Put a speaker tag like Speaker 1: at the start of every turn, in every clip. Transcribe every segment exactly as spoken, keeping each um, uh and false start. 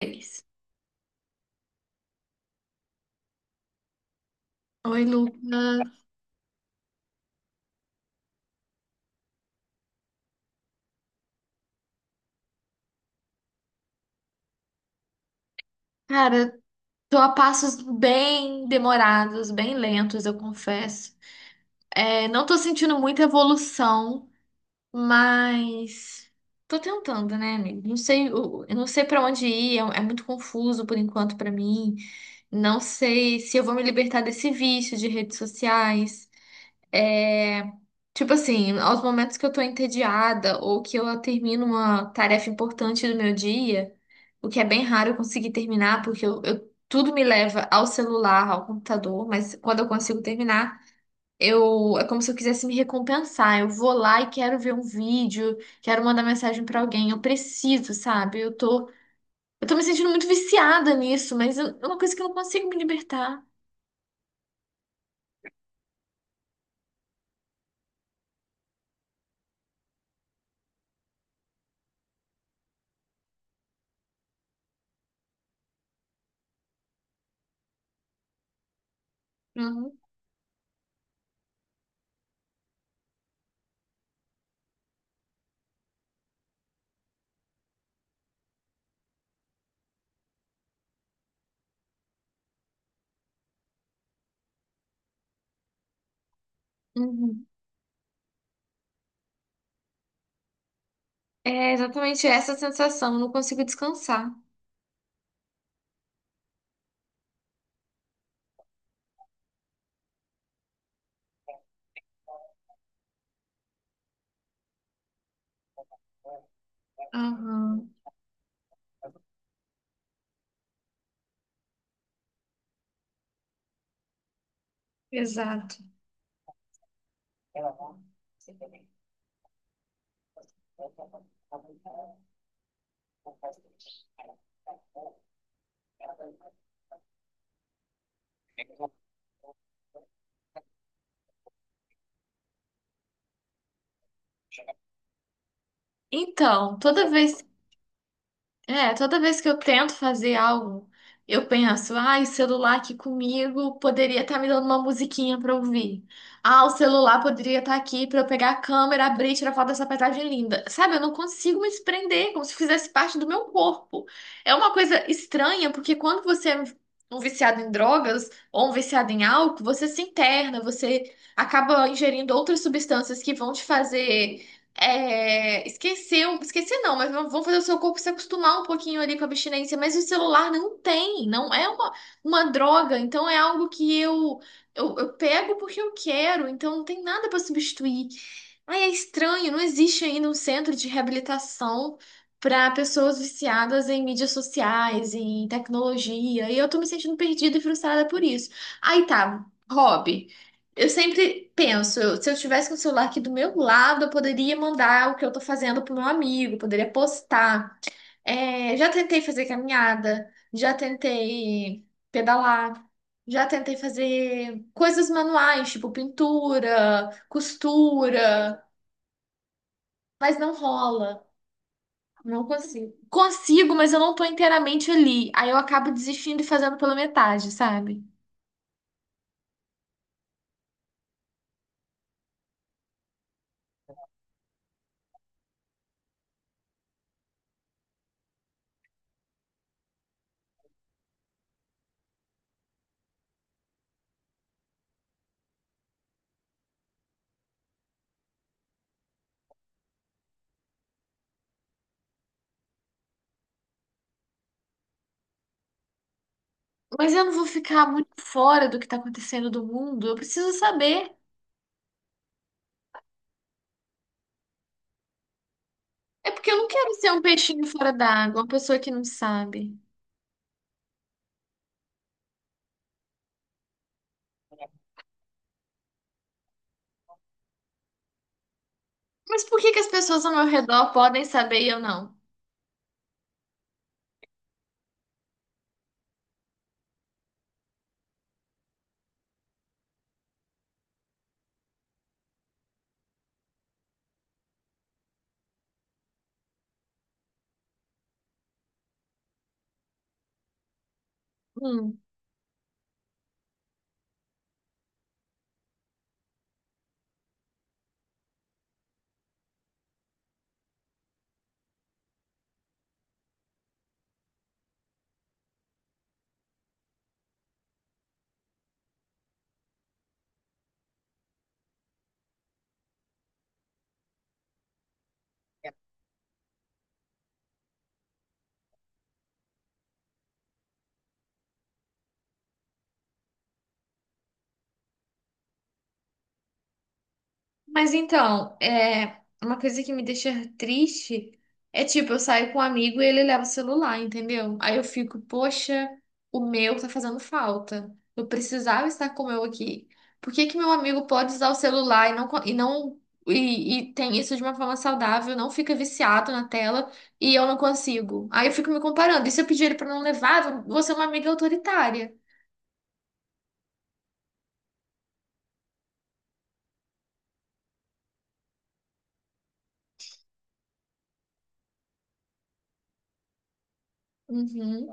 Speaker 1: Eles. Oi, Lucas. Cara, tô a passos bem demorados, bem lentos, eu confesso. É, não tô sentindo muita evolução, mas tô tentando, né, amigo? Não sei, eu eu não sei pra onde ir, é, é muito confuso por enquanto pra mim. Não sei se eu vou me libertar desse vício de redes sociais. É, tipo assim, aos momentos que eu tô entediada ou que eu termino uma tarefa importante do meu dia, o que é bem raro eu conseguir terminar, porque eu, eu- tudo me leva ao celular, ao computador, mas quando eu consigo terminar, eu, é como se eu quisesse me recompensar. Eu vou lá e quero ver um vídeo, quero mandar mensagem pra alguém, eu preciso, sabe? Eu tô, eu tô me sentindo muito viciada nisso, mas eu- é uma coisa que eu não consigo me libertar. Uhum. Uhum. É exatamente essa sensação, eu não consigo descansar. Aham, exato. Então, toda vez. É, toda vez que eu tento fazer algo, eu penso, ai, o celular aqui comigo poderia estar me dando uma musiquinha pra ouvir. Ah, o celular poderia estar aqui pra eu pegar a câmera, abrir e tirar foto dessa paisagem linda. Sabe, eu não consigo me desprender, como se fizesse parte do meu corpo. É uma coisa estranha, porque quando você é um um viciado em drogas ou um viciado em álcool, você se interna, você acaba ingerindo outras substâncias que vão te fazer é, esqueceu, esqueci não, mas vão fazer o seu corpo se acostumar um pouquinho ali com a abstinência, mas o celular não tem, não é uma, uma droga, então é algo que eu, eu, eu pego porque eu quero, então não tem nada para substituir. Ai, é estranho, não existe ainda um centro de reabilitação para pessoas viciadas em mídias sociais, em tecnologia, e eu tô me sentindo perdida e frustrada por isso. Aí tá, hobby. Eu sempre penso, eu- se eu tivesse com o celular aqui do meu lado, eu poderia mandar o que eu tô fazendo pro meu amigo, poderia postar. É, já tentei fazer caminhada, já tentei pedalar, já tentei fazer coisas manuais, tipo pintura, costura, mas não rola. Não consigo. Consigo, mas eu não tô inteiramente ali. Aí eu acabo desistindo e fazendo pela metade, sabe? Mas eu não vou ficar muito fora do que tá acontecendo do mundo. Eu preciso saber. É porque eu não quero ser um peixinho fora d'água, uma pessoa que não sabe. Mas por que que as pessoas ao meu redor podem saber e eu não? Hum. Mas então, é uma coisa que me deixa triste, é tipo, eu saio com um amigo e ele leva o celular, entendeu? Aí eu fico, poxa, o meu tá fazendo falta. Eu precisava estar com o meu aqui. Por que que meu amigo pode usar o celular e não co- e não e, e tem isso de uma forma saudável, não fica viciado na tela e eu não consigo? Aí eu fico me comparando. E se eu pedir ele pra não levar, eu vou ser uma amiga autoritária. Uhum.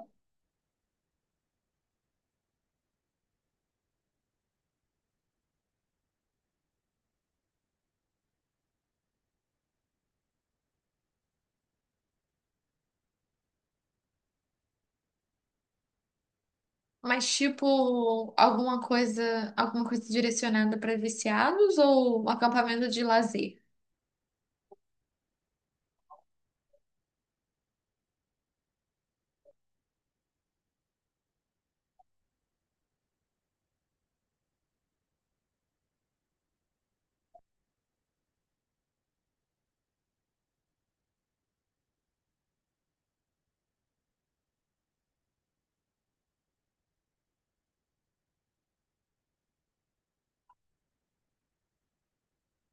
Speaker 1: Mas tipo alguma coisa, alguma coisa direcionada para viciados ou um acampamento de lazer?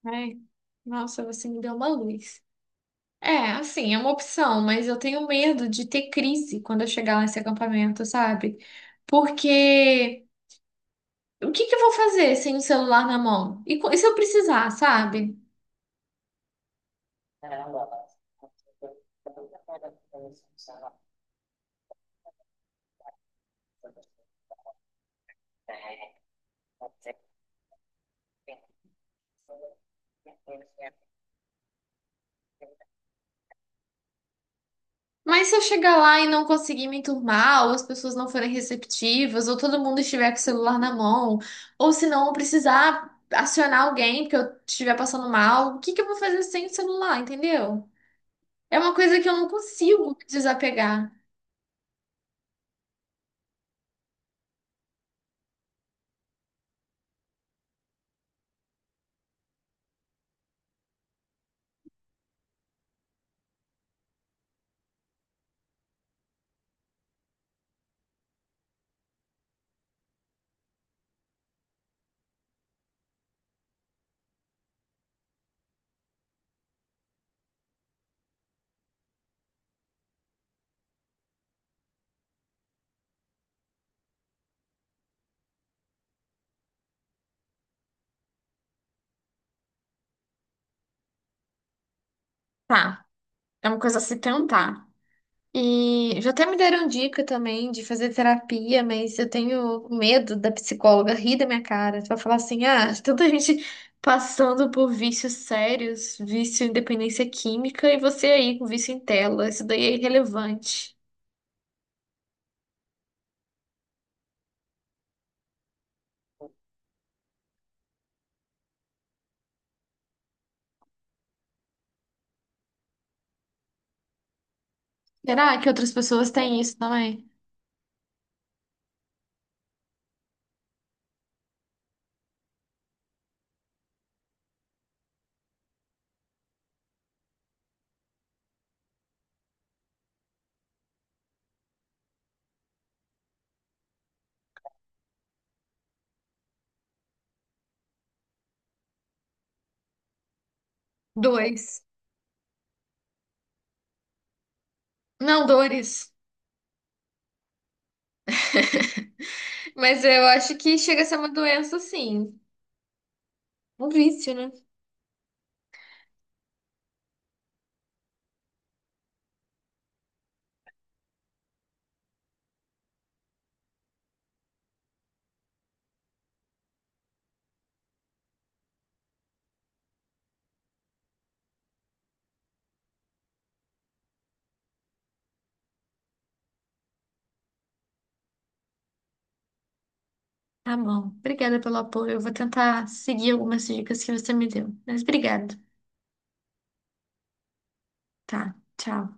Speaker 1: Ai, nossa, você me deu uma luz. É, assim, é uma opção, mas eu tenho medo de ter crise quando eu chegar lá nesse acampamento, sabe? Porque o que que eu vou fazer sem o celular na mão? E, co- e se eu precisar, sabe? Mas se eu chegar lá e não conseguir me enturmar, ou as pessoas não forem receptivas, ou todo mundo estiver com o celular na mão, ou se não eu precisar acionar alguém porque eu estiver passando mal, o que que eu vou fazer sem o celular, entendeu? É uma coisa que eu não consigo me desapegar. Tá, é uma coisa a se tentar. E já até me deram dica também de fazer terapia, mas eu tenho medo da psicóloga rir da minha cara. Vai falar assim: ah, tanta gente passando por vícios sérios, vício em dependência química, e você aí com vício em tela. Isso daí é irrelevante. Será que outras pessoas têm isso também? Dois. Não, dores. Mas eu acho que chega a ser uma doença, sim. Um vício, né? Tá bom. Obrigada pelo apoio. Eu vou tentar seguir algumas dicas que você me deu. Mas obrigado. Tá. Tchau.